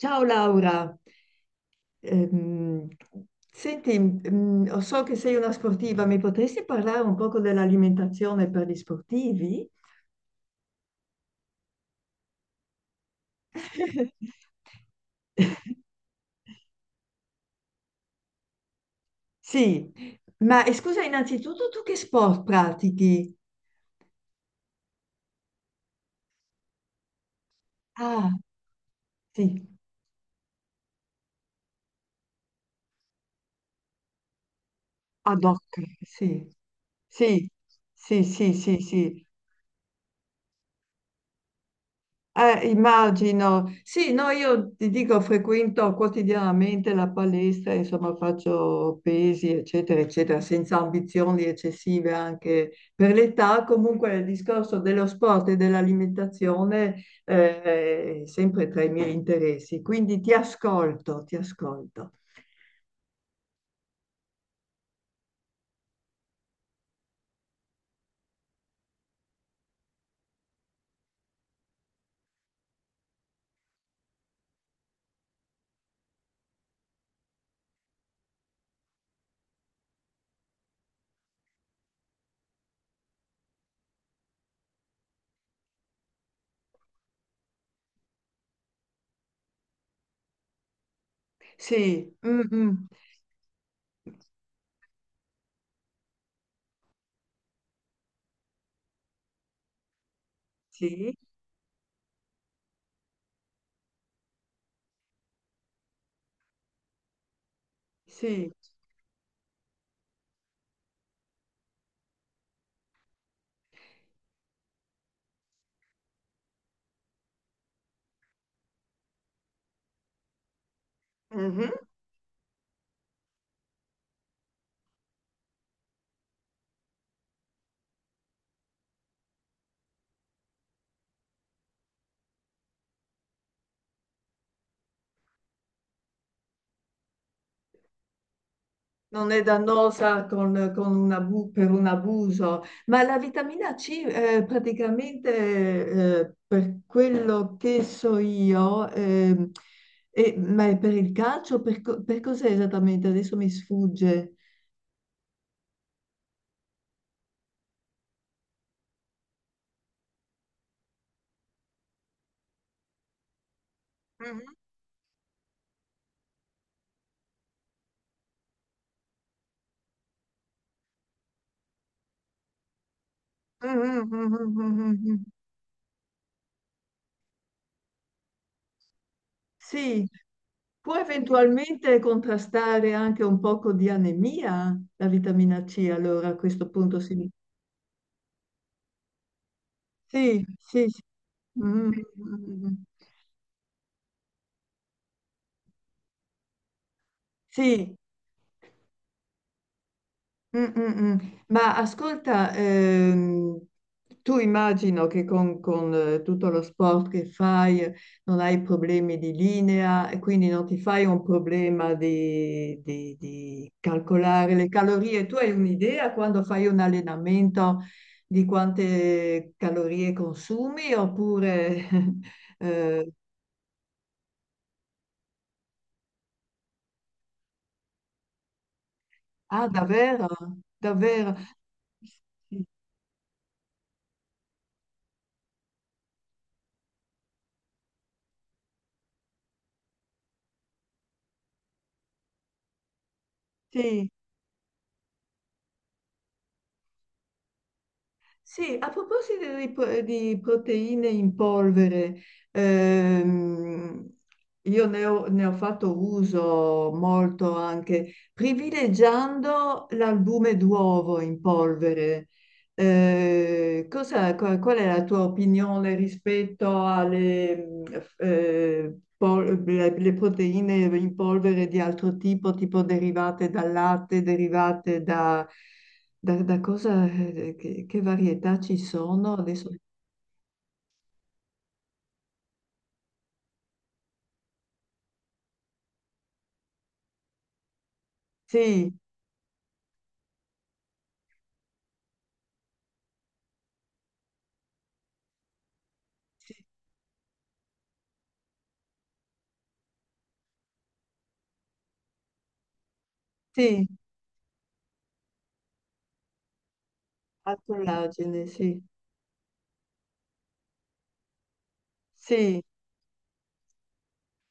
Ciao Laura. Ehm, Senti, so che sei una sportiva, mi potresti parlare un poco dell'alimentazione per gli sportivi? Sì, ma scusa, innanzitutto tu che sport pratichi? Ah, sì, ad hoc, sì, sì, sì, sì, sì, sì. Immagino. Sì, no, io ti dico, frequento quotidianamente la palestra, insomma, faccio pesi, eccetera, eccetera, senza ambizioni eccessive anche per l'età. Comunque il discorso dello sport e dell'alimentazione, è sempre tra i miei interessi. Quindi ti ascolto, ti ascolto. Sì, Sì, sì. Mhm. Non è dannosa con un per un abuso, ma la vitamina C praticamente per quello che so io. Ma è per il calcio, per cos'è esattamente? Adesso mi sfugge. Mhm. Mhm, mhm, mhm, mhm. Sì, può eventualmente contrastare anche un poco di anemia la vitamina C, allora a questo punto sì. Sì, sì, sì. Mhm, mhm, mhm. Sì, mm, mm, mm. Ma ascolta, tu immagino che tutto lo sport che fai non hai problemi di linea e quindi non ti fai un problema di calcolare le calorie. Tu hai un'idea quando fai un allenamento di quante calorie consumi oppure… eh, ah, davvero? Davvero? Sì, sì. Sì, a proposito di proteine in polvere, ehm, io ne ho fatto uso molto anche privilegiando l'albume d'uovo in polvere. Qual è la tua opinione rispetto alle le proteine in polvere di altro tipo, tipo derivate dal latte, derivate da… da cosa, che varietà ci sono adesso? Sì, sì, sì, al collagene, sì, sì,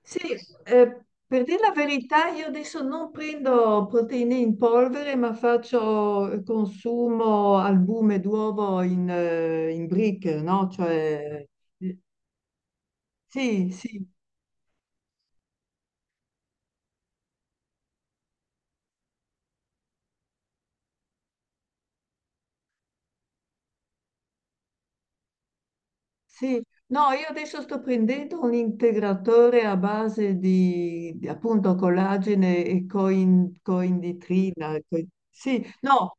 sì. Eh, per dire la verità, io adesso non prendo proteine in polvere, ma faccio consumo albume d'uovo in brick, no? Cioè, eh, sì, sì, sì, no, io adesso sto prendendo un integratore a base appunto collagene e coinditrina. Sì, no,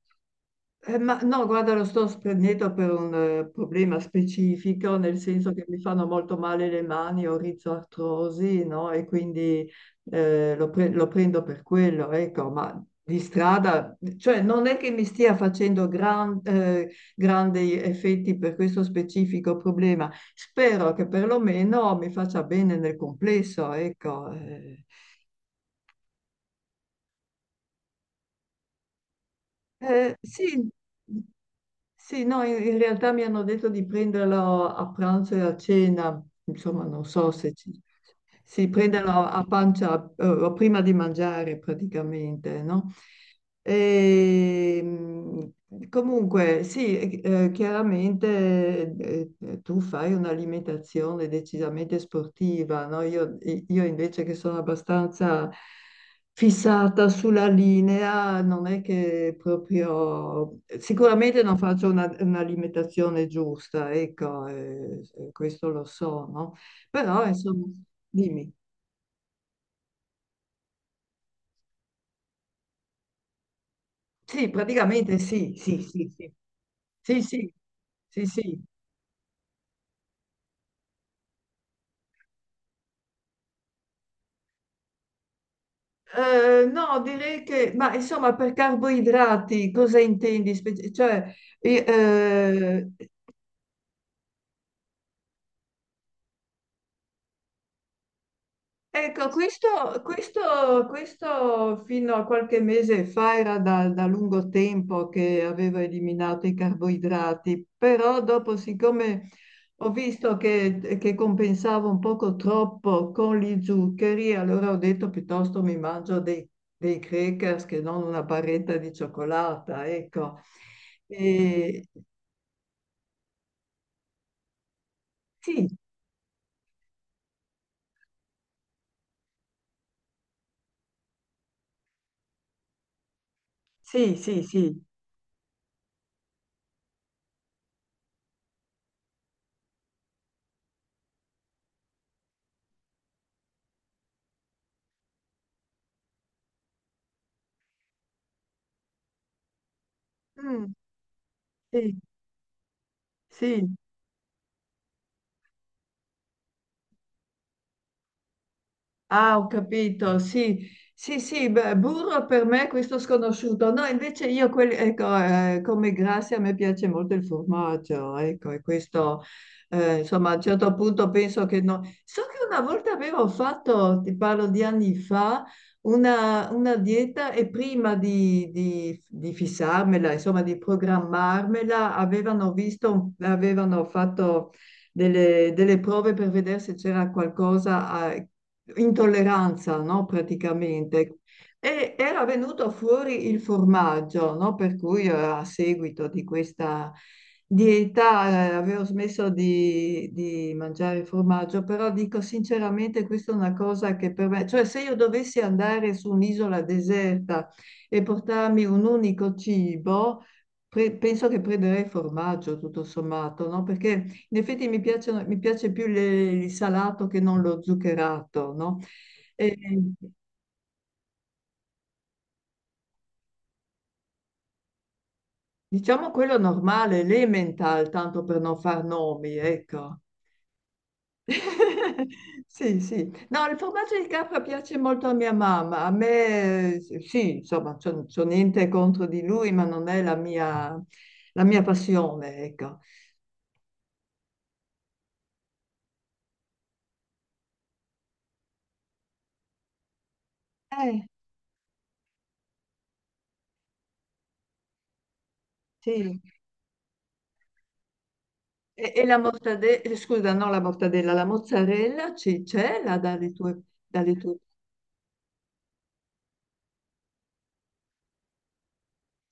ma no, guarda, lo sto prendendo per un problema specifico, nel senso che mi fanno molto male le mani, ho rizoartrosi, no? E quindi lo prendo per quello, ecco, ma di strada, cioè non è che mi stia facendo grandi effetti per questo specifico problema. Spero che perlomeno mi faccia bene nel complesso, ecco. Sì. Sì, no, in realtà mi hanno detto di prenderlo a pranzo e a cena, insomma, non so se ci si prendono a pancia prima di mangiare praticamente, no? E, comunque, sì, chiaramente tu fai un'alimentazione decisamente sportiva, no? Io invece che sono abbastanza fissata sulla linea, non è che proprio… Sicuramente non faccio un'alimentazione giusta, ecco, questo lo so, no? Però, insomma… Dimmi. Sì, praticamente sì, sì, sì, sì. Sì, sì, sì, sì. No, direi che, ma insomma, per carboidrati cosa intendi? Cioè, eh, ecco, questo, questo fino a qualche mese fa era da lungo tempo che avevo eliminato i carboidrati, però dopo, siccome ho visto che compensavo un poco troppo con gli zuccheri, allora ho detto piuttosto mi mangio dei crackers che non una barretta di cioccolata, ecco. E- sì, sì, sì, sì. Mm, sì, sì. Ah, ho capito, sì, sì, sì, beh, burro per me è questo sconosciuto. No, invece io, ecco, come grassi a me piace molto il formaggio, ecco, e questo, insomma, a un certo punto penso che no. So che una volta avevo fatto, ti parlo di anni fa, una dieta e prima di fissarmela, insomma, di programmarmela, avevano visto, avevano fatto delle prove per vedere se c'era qualcosa intolleranza, no? Praticamente. E era venuto fuori il formaggio, no? Per cui a seguito di questa dieta avevo smesso di mangiare formaggio, però dico sinceramente questa è una cosa che per me, cioè se io dovessi andare su un'isola deserta e portarmi un unico cibo, penso che prenderei formaggio tutto sommato, no? Perché in effetti mi piace più il salato che non lo zuccherato, no? E, diciamo quello normale, l'emmental, tanto per non far nomi, ecco. Sì, sì. No, il formaggio di capra piace molto a mia mamma. A me, sì, insomma, c'ho niente contro di lui, ma non è la mia passione, ecco. Eh, sì. E la mortadella, scusa, no, la mortadella, la mozzarella c'è là dalle tue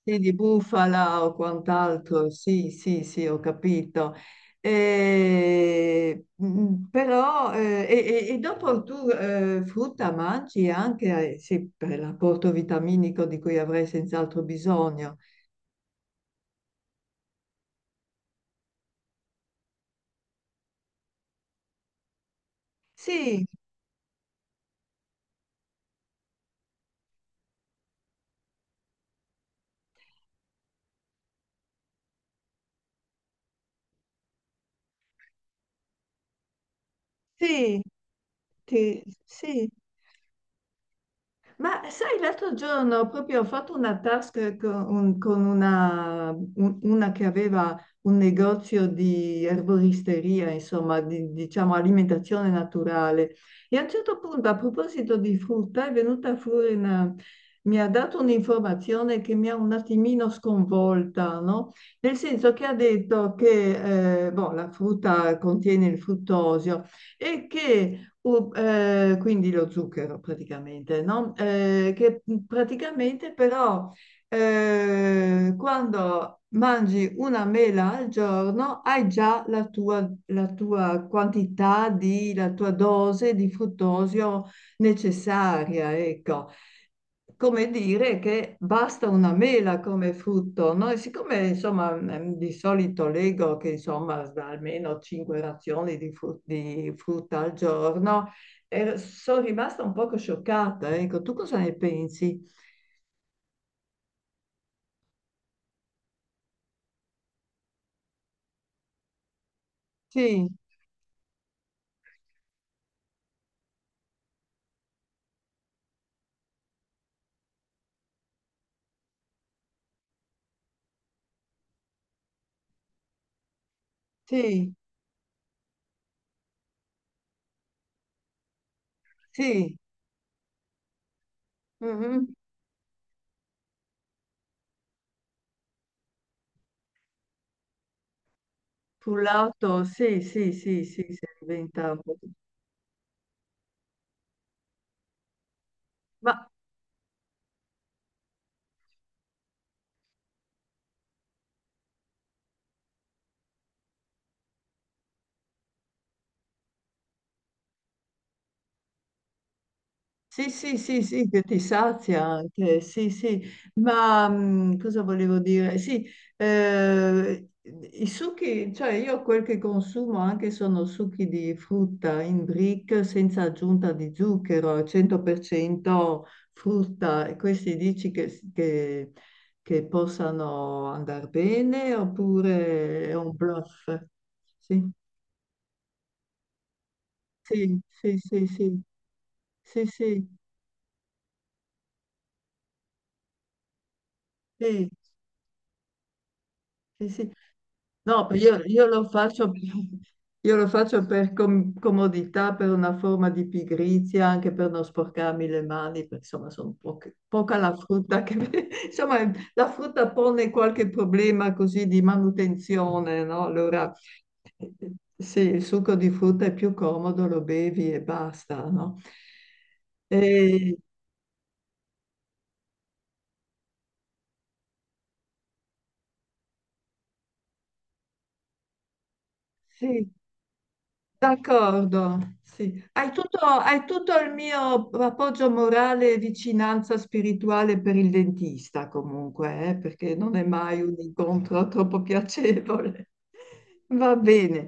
sì, di bufala o quant'altro, sì, sì, sì, ho capito. E, però, e dopo tu frutta mangi anche, sì, per l'apporto vitaminico di cui avrai senz'altro bisogno. Sì, sì, ti- sì, ma sai, l'altro giorno proprio ho fatto una task con una, una che aveva un negozio di erboristeria, insomma, di, diciamo alimentazione naturale. E a un certo punto, a proposito di frutta, è venuta fuori una… Mi ha dato un'informazione che mi ha un attimino sconvolta, no? Nel senso che ha detto che boh, la frutta contiene il fruttosio e che quindi lo zucchero praticamente, no? Che praticamente però quando mangi una mela al giorno hai già la tua quantità la tua dose di fruttosio necessaria, ecco, come dire che basta una mela come frutto, no? E siccome insomma di solito leggo che insomma da almeno 5 razioni di frutta al giorno, sono rimasta un poco scioccata. Ecco, tu cosa ne pensi? Sì, sì, sì, mhm. Frullato, sì, sì, sì, sì, sì, diventa un po'. Ma sì, sì, sì, sì, che ti sazia anche, sì, sì, ma cosa volevo dire? Sì, i succhi, cioè io quel che consumo anche sono succhi di frutta in brick senza aggiunta di zucchero, al 100% frutta, e questi dici che, che possano andare bene oppure è un bluff? Sì, sì, sì, sì, sì, sì, sì, sì. Sì. Sì. No, io lo faccio, io lo faccio per comodità, per una forma di pigrizia, anche per non sporcarmi le mani, perché insomma sono poca la frutta che… insomma la frutta pone qualche problema così di manutenzione, no? Allora sì, il succo di frutta è più comodo, lo bevi e basta, no? E, sì, d'accordo, sì. Hai tutto il mio appoggio morale e vicinanza spirituale per il dentista, comunque, perché non è mai un incontro troppo piacevole. Va bene.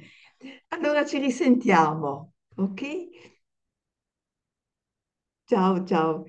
Allora ci risentiamo, ok? Ciao, ciao.